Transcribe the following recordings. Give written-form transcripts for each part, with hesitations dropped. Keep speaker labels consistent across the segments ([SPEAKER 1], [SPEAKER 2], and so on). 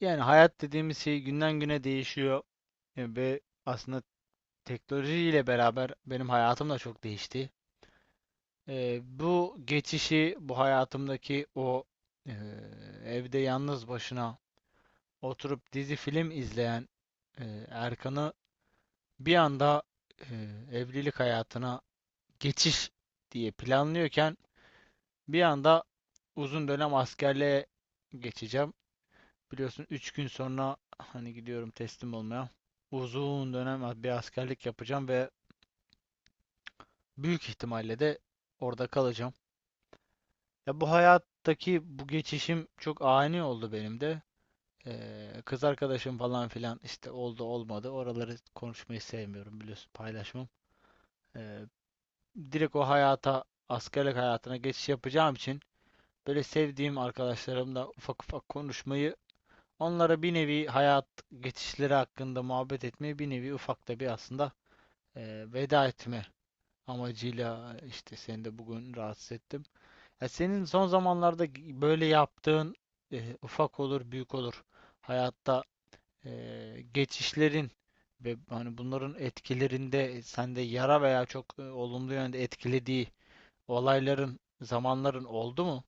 [SPEAKER 1] Yani hayat dediğimiz şey günden güne değişiyor ve aslında teknolojiyle beraber benim hayatım da çok değişti. Bu geçişi, bu hayatımdaki o e, evde yalnız başına oturup dizi film izleyen Erkan'ı bir anda e, evlilik hayatına geçiş diye planlıyorken bir anda uzun dönem askerliğe geçeceğim. Biliyorsun 3 gün sonra hani gidiyorum teslim olmaya. Uzun dönem bir askerlik yapacağım ve büyük ihtimalle de orada kalacağım. Ya bu hayattaki bu geçişim çok ani oldu benim de. Kız arkadaşım falan filan işte oldu olmadı. Oraları konuşmayı sevmiyorum, biliyorsun paylaşmam. Ee, Direkt o hayata askerlik hayatına geçiş yapacağım için böyle sevdiğim arkadaşlarımla ufak ufak konuşmayı, onlara bir nevi hayat geçişleri hakkında muhabbet etmeye, bir nevi ufak da bir aslında veda etme amacıyla işte seni de bugün rahatsız ettim. Ya senin son zamanlarda böyle yaptığın ufak olur büyük olur hayatta geçişlerin ve hani bunların etkilerinde sende yara veya çok olumlu yönde etkilediği olayların, zamanların oldu mu?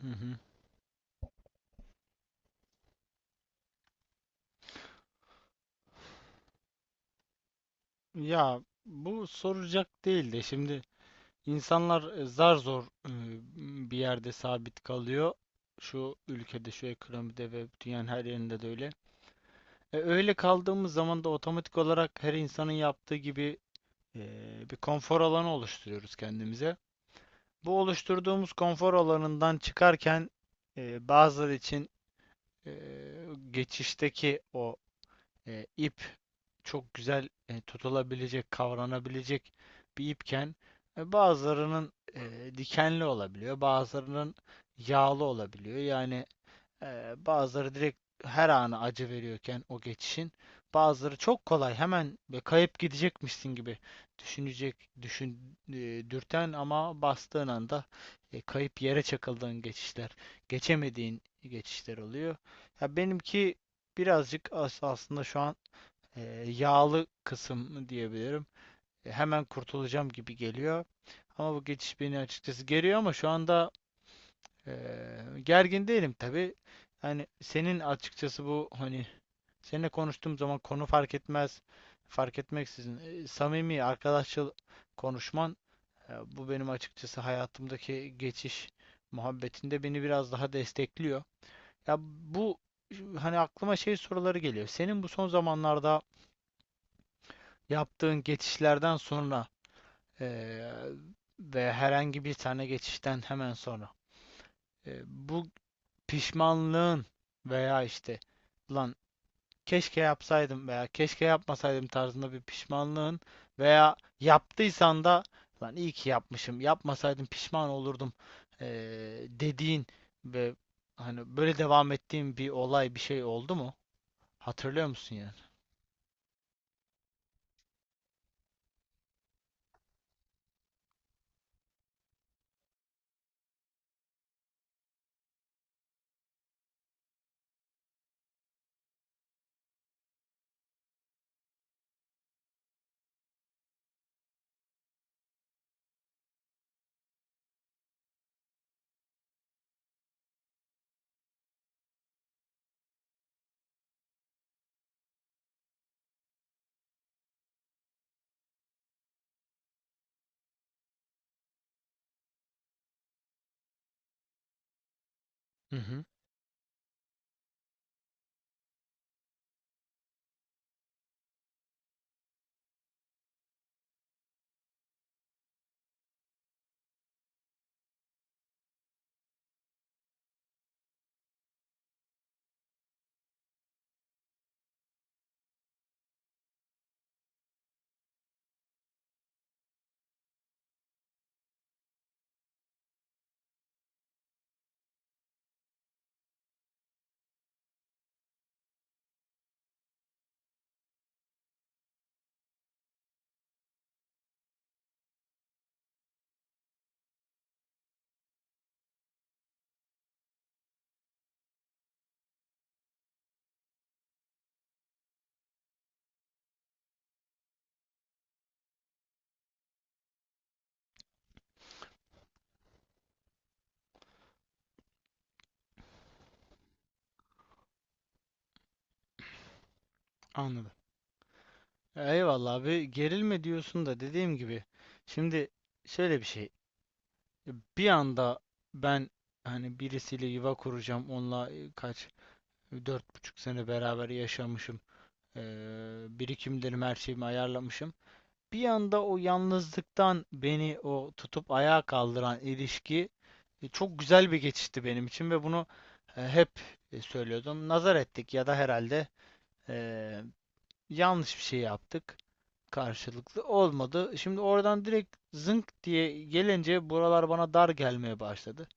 [SPEAKER 1] Hı hı. Ya bu soracak değil de şimdi, İnsanlar zar zor bir yerde sabit kalıyor. Şu ülkede, şu ekonomide ve dünyanın her yerinde de öyle. Öyle kaldığımız zaman da otomatik olarak her insanın yaptığı gibi e, bir konfor alanı oluşturuyoruz kendimize. Bu oluşturduğumuz konfor alanından çıkarken bazıları için e, geçişteki o ip çok güzel, tutulabilecek, kavranabilecek bir ipken, bazılarının dikenli olabiliyor, bazılarının yağlı olabiliyor. Yani bazıları direkt her anı acı veriyorken o geçişin, bazıları çok kolay hemen ve kayıp gidecekmişsin gibi düşünecek, düşün, e, dürten ama bastığın anda kayıp, yere çakıldığın geçişler, geçemediğin geçişler oluyor. Ya benimki birazcık aslında şu an yağlı kısım diyebilirim. Hemen kurtulacağım gibi geliyor. Ama bu geçiş beni açıkçası geriyor, ama şu anda e, gergin değilim tabii. Yani senin açıkçası bu, hani seninle konuştuğum zaman konu fark etmez. Fark etmeksizin samimi, arkadaşçıl konuşman, bu benim açıkçası hayatımdaki geçiş muhabbetinde beni biraz daha destekliyor. Ya bu, hani aklıma şey soruları geliyor. Senin bu son zamanlarda yaptığın geçişlerden sonra eee, ve herhangi bir tane geçişten hemen sonra bu pişmanlığın veya işte lan keşke yapsaydım veya keşke yapmasaydım tarzında bir pişmanlığın, veya yaptıysan da lan iyi ki yapmışım, yapmasaydım pişman olurdum dediğin ve hani böyle devam ettiğin bir olay, bir şey oldu mu? Hatırlıyor musun yani? Hı hı, anladım. Eyvallah abi, gerilme diyorsun da dediğim gibi şimdi şöyle bir şey, bir anda ben hani birisiyle yuva kuracağım, onunla e, kaç 4,5 sene beraber yaşamışım, birikimlerimi, her şeyimi ayarlamışım, bir anda o yalnızlıktan beni o tutup ayağa kaldıran ilişki çok güzel bir geçişti benim için ve bunu hep söylüyordum. Nazar ettik ya da herhalde e, yanlış bir şey yaptık, karşılıklı olmadı. Şimdi oradan direkt zınk diye gelince buralar bana dar gelmeye başladı.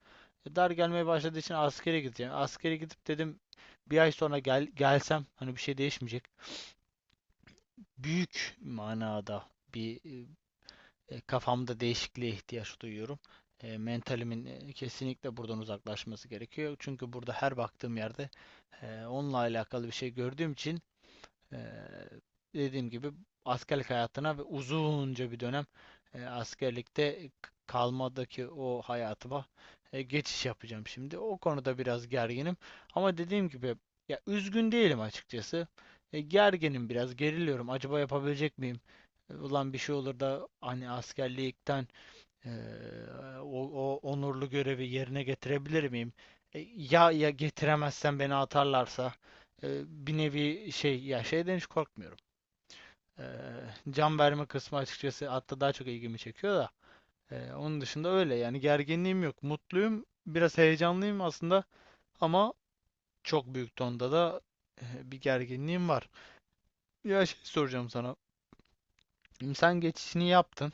[SPEAKER 1] Dar gelmeye başladığı için askere gideceğim. Askere gidip dedim bir ay sonra gelsem hani bir şey değişmeyecek. Büyük manada bir kafamda değişikliğe ihtiyaç duyuyorum. Mentalimin kesinlikle buradan uzaklaşması gerekiyor. Çünkü burada her baktığım yerde onunla alakalı bir şey gördüğüm için, Eee, dediğim gibi askerlik hayatına ve uzunca bir dönem askerlikte kalmadaki o hayatıma geçiş yapacağım şimdi. O konuda biraz gerginim. Ama dediğim gibi ya, üzgün değilim açıkçası. Gerginim biraz, geriliyorum. Acaba yapabilecek miyim? Ulan bir şey olur da hani askerlikten, Eee, o onurlu görevi yerine getirebilir miyim? Ya getiremezsem, beni atarlarsa e, bir nevi şey, ya şeyden hiç korkmuyorum. Eee, Can verme kısmı açıkçası hatta daha çok ilgimi çekiyor da. Onun dışında öyle yani, gerginliğim yok. Mutluyum, biraz heyecanlıyım aslında, ama çok büyük tonda da bir gerginliğim var. Ya şey soracağım sana. Sen geçişini yaptın.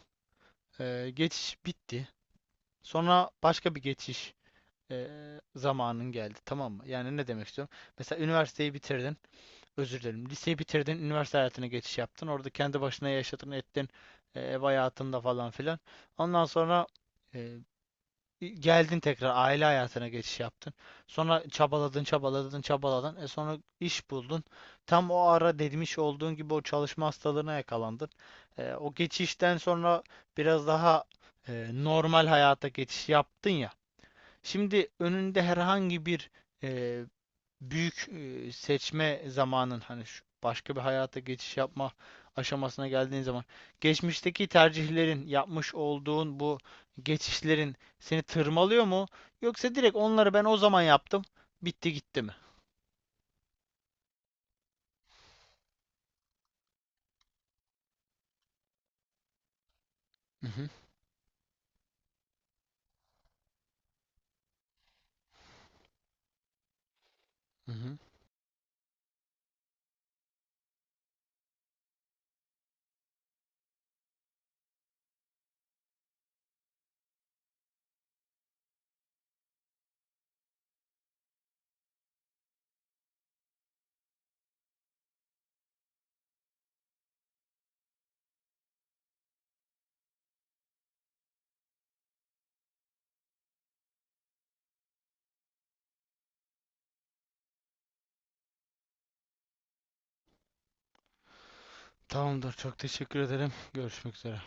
[SPEAKER 1] Geçiş bitti. Sonra başka bir geçiş e, zamanın geldi, tamam mı? Yani ne demek istiyorum? Mesela üniversiteyi bitirdin, özür dilerim, liseyi bitirdin, üniversite hayatına geçiş yaptın. Orada kendi başına yaşadın, ettin, ev hayatında falan filan. Ondan sonra e, geldin, tekrar aile hayatına geçiş yaptın. Sonra çabaladın, çabaladın, çabaladın. E, sonra iş buldun. Tam o ara demiş olduğun gibi o çalışma hastalığına yakalandın. O geçişten sonra biraz daha normal hayata geçiş yaptın ya. Şimdi önünde herhangi bir e, büyük seçme zamanın, hani şu başka bir hayata geçiş yapma aşamasına geldiğin zaman, geçmişteki tercihlerin, yapmış olduğun bu geçişlerin seni tırmalıyor mu? Yoksa direkt onları ben o zaman yaptım, bitti gitti mi? Hı hı, hı hı. Tamamdır. Çok teşekkür ederim. Görüşmek üzere.